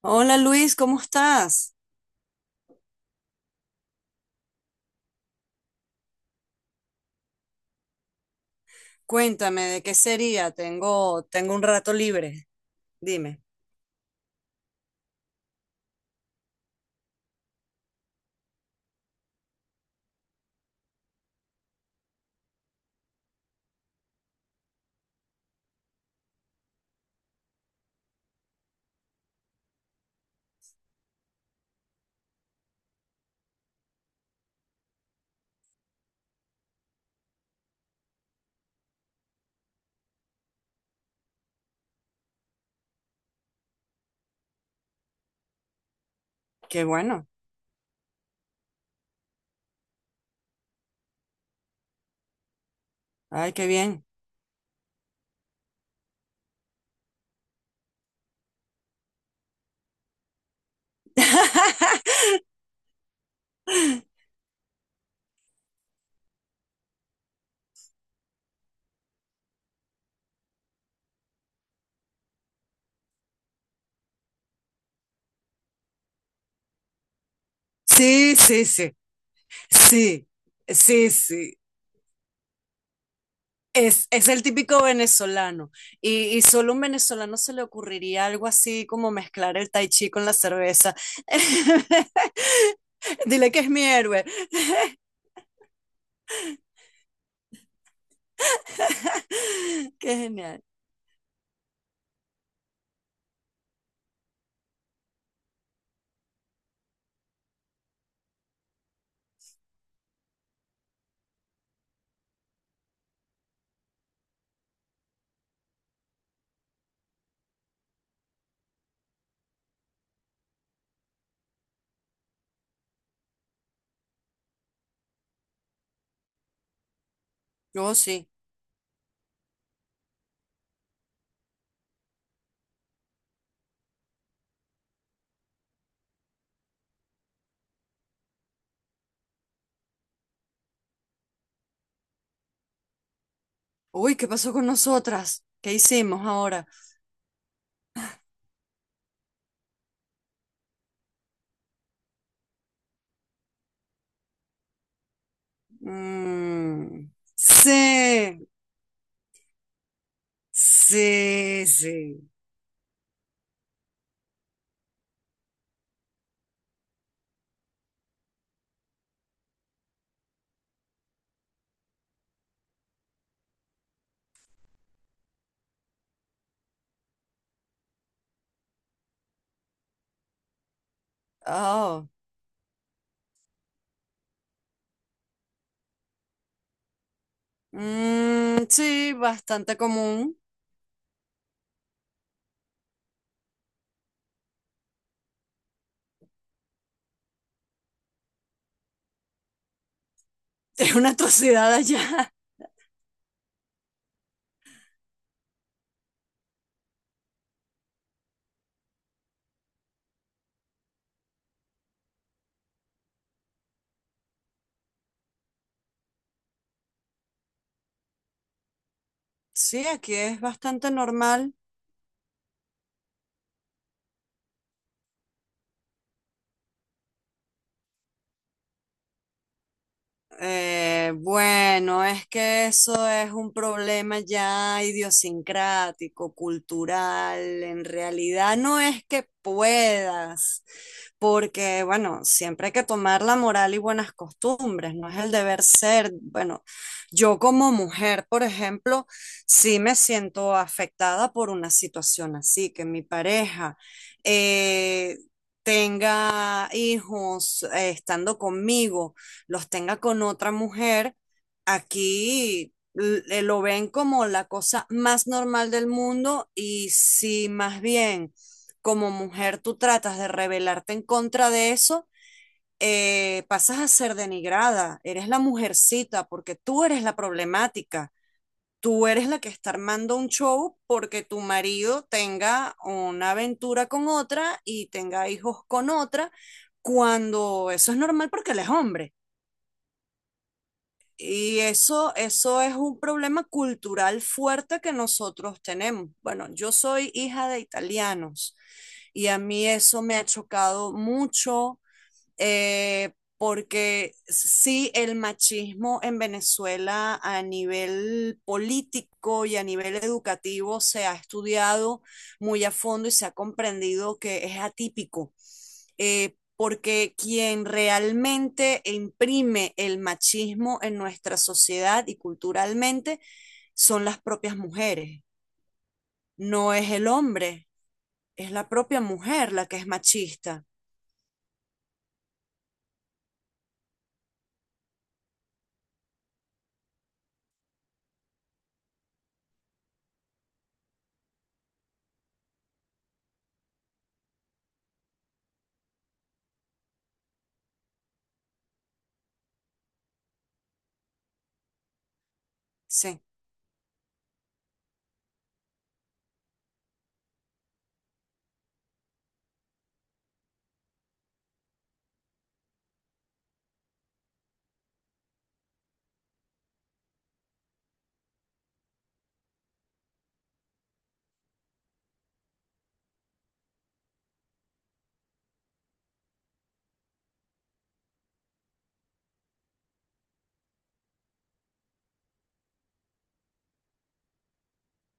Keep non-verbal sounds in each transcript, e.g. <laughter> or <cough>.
Hola Luis, ¿cómo estás? Cuéntame, ¿de qué sería? Tengo un rato libre. Dime. Qué bueno. Ay, qué bien. <laughs> Sí, sí, sí. Sí, sí, sí. Es el típico venezolano. Y solo a un venezolano se le ocurriría algo así como mezclar el tai chi con la cerveza. <laughs> Dile que es mi héroe. <laughs> Qué genial. Oh, sí. Uy, ¿qué pasó con nosotras? ¿Qué hicimos ahora? Mm, sí, sí, sí. Oh, mm, sí, bastante común. <laughs> Es una atrocidad allá. Sí, aquí es bastante normal. Bueno, es que eso es un problema ya idiosincrático, cultural. En realidad no es que puedas, porque bueno, siempre hay que tomar la moral y buenas costumbres, no es el deber ser. Bueno, yo como mujer, por ejemplo, sí me siento afectada por una situación así, que mi pareja... eh, tenga hijos estando conmigo los tenga con otra mujer, aquí lo ven como la cosa más normal del mundo y si más bien como mujer tú tratas de rebelarte en contra de eso, pasas a ser denigrada, eres la mujercita porque tú eres la problemática, tú eres la que está armando un show porque tu marido tenga una aventura con otra y tenga hijos con otra, cuando eso es normal porque él es hombre. Y eso es un problema cultural fuerte que nosotros tenemos. Bueno, yo soy hija de italianos y a mí eso me ha chocado mucho eh, porque sí, el machismo en Venezuela a nivel político y a nivel educativo se ha estudiado muy a fondo y se ha comprendido que es atípico. Porque quien realmente imprime el machismo en nuestra sociedad y culturalmente son las propias mujeres, no es el hombre, es la propia mujer la que es machista. Sí,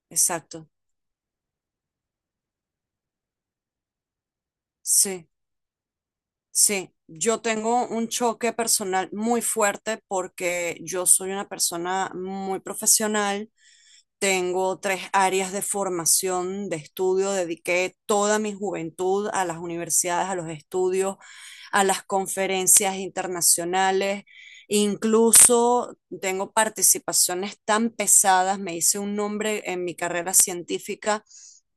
exacto. Sí. Sí, yo tengo un choque personal muy fuerte porque yo soy una persona muy profesional. Tengo tres áreas de formación, de estudio. Dediqué toda mi juventud a las universidades, a los estudios, a las conferencias internacionales. Incluso tengo participaciones tan pesadas, me hice un nombre en mi carrera científica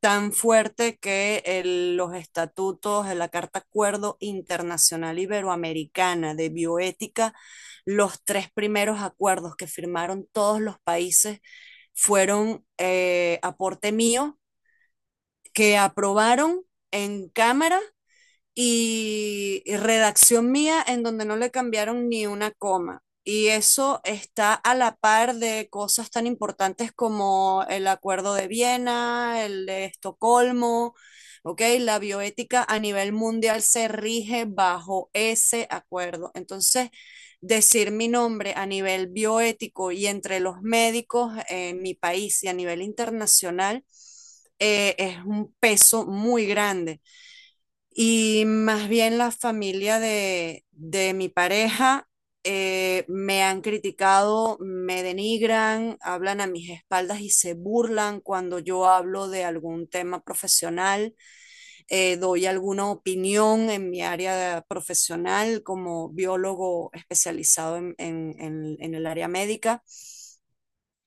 tan fuerte que los estatutos de la Carta Acuerdo Internacional Iberoamericana de Bioética, los tres primeros acuerdos que firmaron todos los países fueron aporte mío que aprobaron en cámara y redacción mía en donde no le cambiaron ni una coma. Y eso está a la par de cosas tan importantes como el Acuerdo de Viena, el de Estocolmo, ¿ok? La bioética a nivel mundial se rige bajo ese acuerdo. Entonces, decir mi nombre a nivel bioético y entre los médicos en mi país y a nivel internacional es un peso muy grande. Y más bien la familia de mi pareja me han criticado, me denigran, hablan a mis espaldas y se burlan cuando yo hablo de algún tema profesional, doy alguna opinión en mi área profesional como biólogo especializado en en el área médica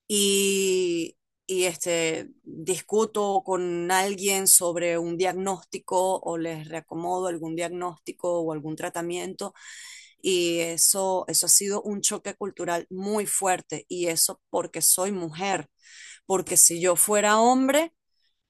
y, y este, discuto con alguien sobre un diagnóstico o les reacomodo algún diagnóstico o algún tratamiento. Y eso ha sido un choque cultural muy fuerte. Y eso porque soy mujer. Porque si yo fuera hombre,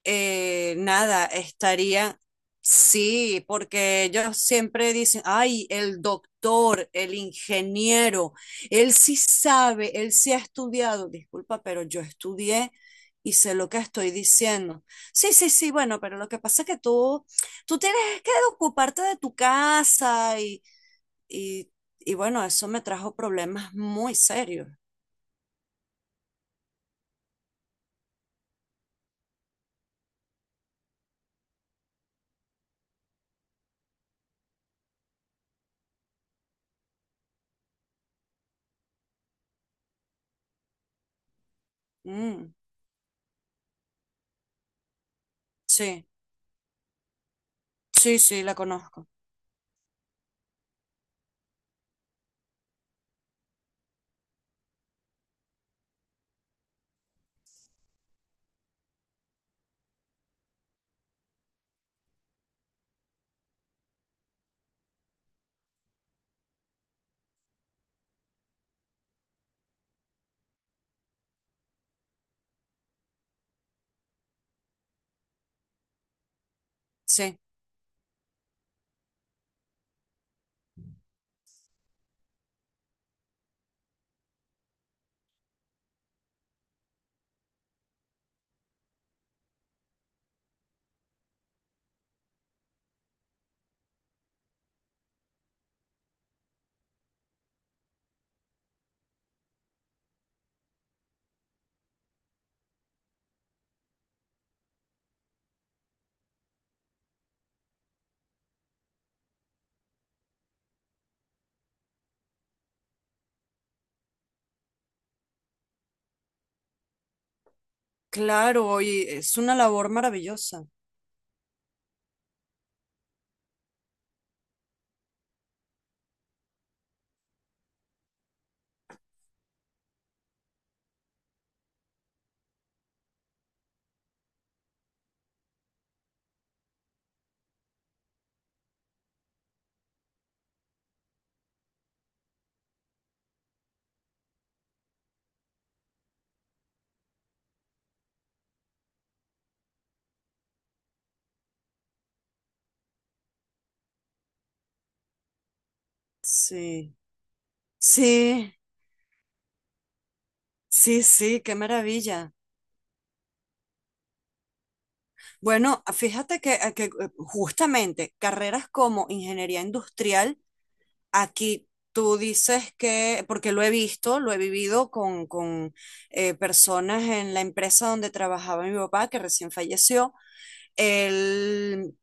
nada, estaría, sí, porque ellos siempre dicen, ay, el doctor, el ingeniero, él sí sabe, él sí ha estudiado, disculpa, pero yo estudié y sé lo que estoy diciendo. Sí, sí, sí, bueno, pero lo que pasa es que tú tienes que ocuparte de tu casa y, y bueno, eso me trajo problemas muy serios. Mm, sí, sí, sí, la conozco, sí. Claro, y es una labor maravillosa. Sí, sí, sí, sí, qué maravilla. Bueno, fíjate que justamente carreras como ingeniería industrial, aquí tú dices que, porque lo he visto, lo he vivido con personas en la empresa donde trabajaba mi papá, que recién falleció, él.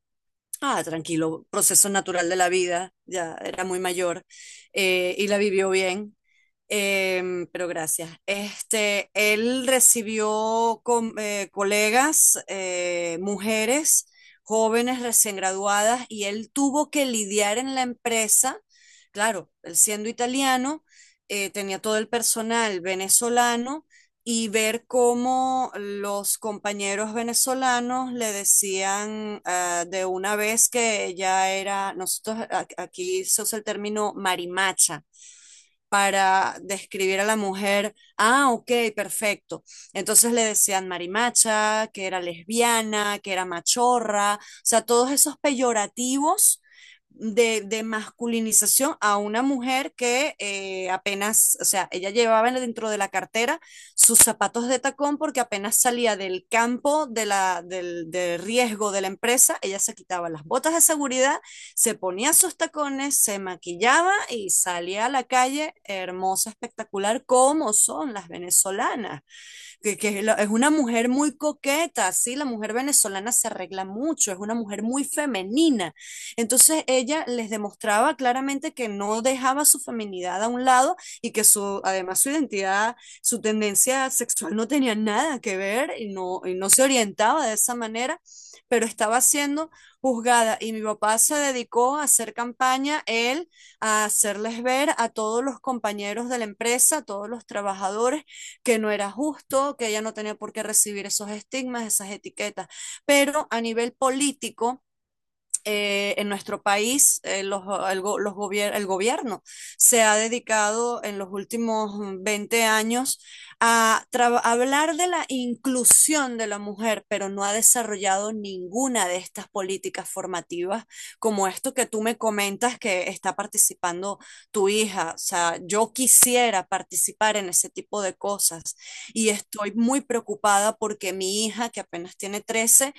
Ah, tranquilo, proceso natural de la vida, ya era muy mayor y la vivió bien, pero gracias. Este, él recibió colegas, mujeres, jóvenes recién graduadas y él tuvo que lidiar en la empresa, claro, él siendo italiano, tenía todo el personal venezolano y ver cómo los compañeros venezolanos le decían ah, de una vez que ella era, nosotros aquí se usa el término marimacha para describir a la mujer. Ah, ok, perfecto. Entonces le decían marimacha, que era lesbiana, que era machorra, o sea, todos esos peyorativos de masculinización a una mujer que apenas, o sea, ella llevaba dentro de la cartera sus zapatos de tacón porque apenas salía del campo de la, del riesgo de la empresa, ella se quitaba las botas de seguridad, se ponía sus tacones, se maquillaba y salía a la calle hermosa, espectacular, como son las venezolanas que es, es una mujer muy coqueta, sí, la mujer venezolana se arregla mucho, es una mujer muy femenina. Entonces ella les demostraba claramente que no dejaba su feminidad a un lado y que su, además su identidad, su tendencia sexual no tenía nada que ver y no se orientaba de esa manera, pero estaba siendo juzgada y mi papá se dedicó a hacer campaña, él, a hacerles ver a todos los compañeros de la empresa, a todos los trabajadores que no era justo, que ella no tenía por qué recibir esos estigmas, esas etiquetas. Pero a nivel político, en nuestro país los, el, go los gobier el, gobierno se ha dedicado en los últimos 20 años a hablar de la inclusión de la mujer, pero no ha desarrollado ninguna de estas políticas formativas como esto que tú me comentas que está participando tu hija. O sea, yo quisiera participar en ese tipo de cosas y estoy muy preocupada porque mi hija, que apenas tiene 13,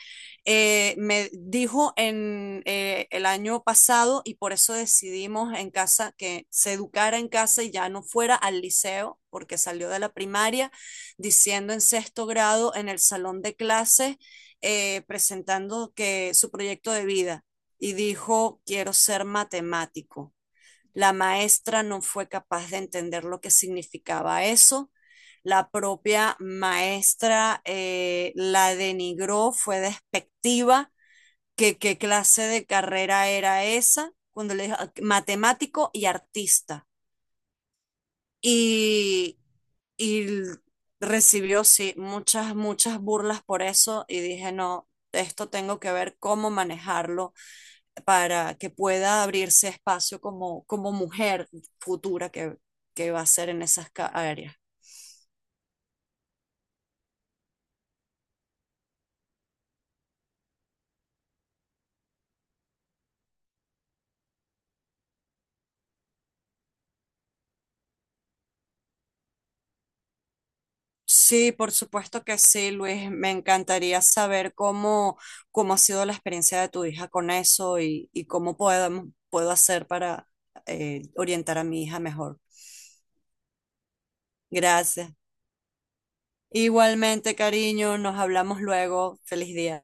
me dijo en el año pasado, y por eso decidimos en casa que se educara en casa y ya no fuera al liceo, porque salió de la primaria diciendo en sexto grado en el salón de clases, presentando que su proyecto de vida, y dijo, quiero ser matemático. La maestra no fue capaz de entender lo que significaba eso. La propia maestra la denigró, fue despectiva. ¿Qué ¿Qué clase de carrera era esa? Cuando le dijo matemático y artista. Y y l- Recibió, sí, muchas, muchas burlas por eso y dije, no, esto tengo que ver cómo manejarlo para que pueda abrirse espacio como, como mujer futura que va a ser en esas áreas. Sí, por supuesto que sí, Luis. Me encantaría saber cómo, cómo ha sido la experiencia de tu hija con eso y cómo podemos, puedo hacer para orientar a mi hija mejor. Gracias. Igualmente, cariño, nos hablamos luego. Feliz día.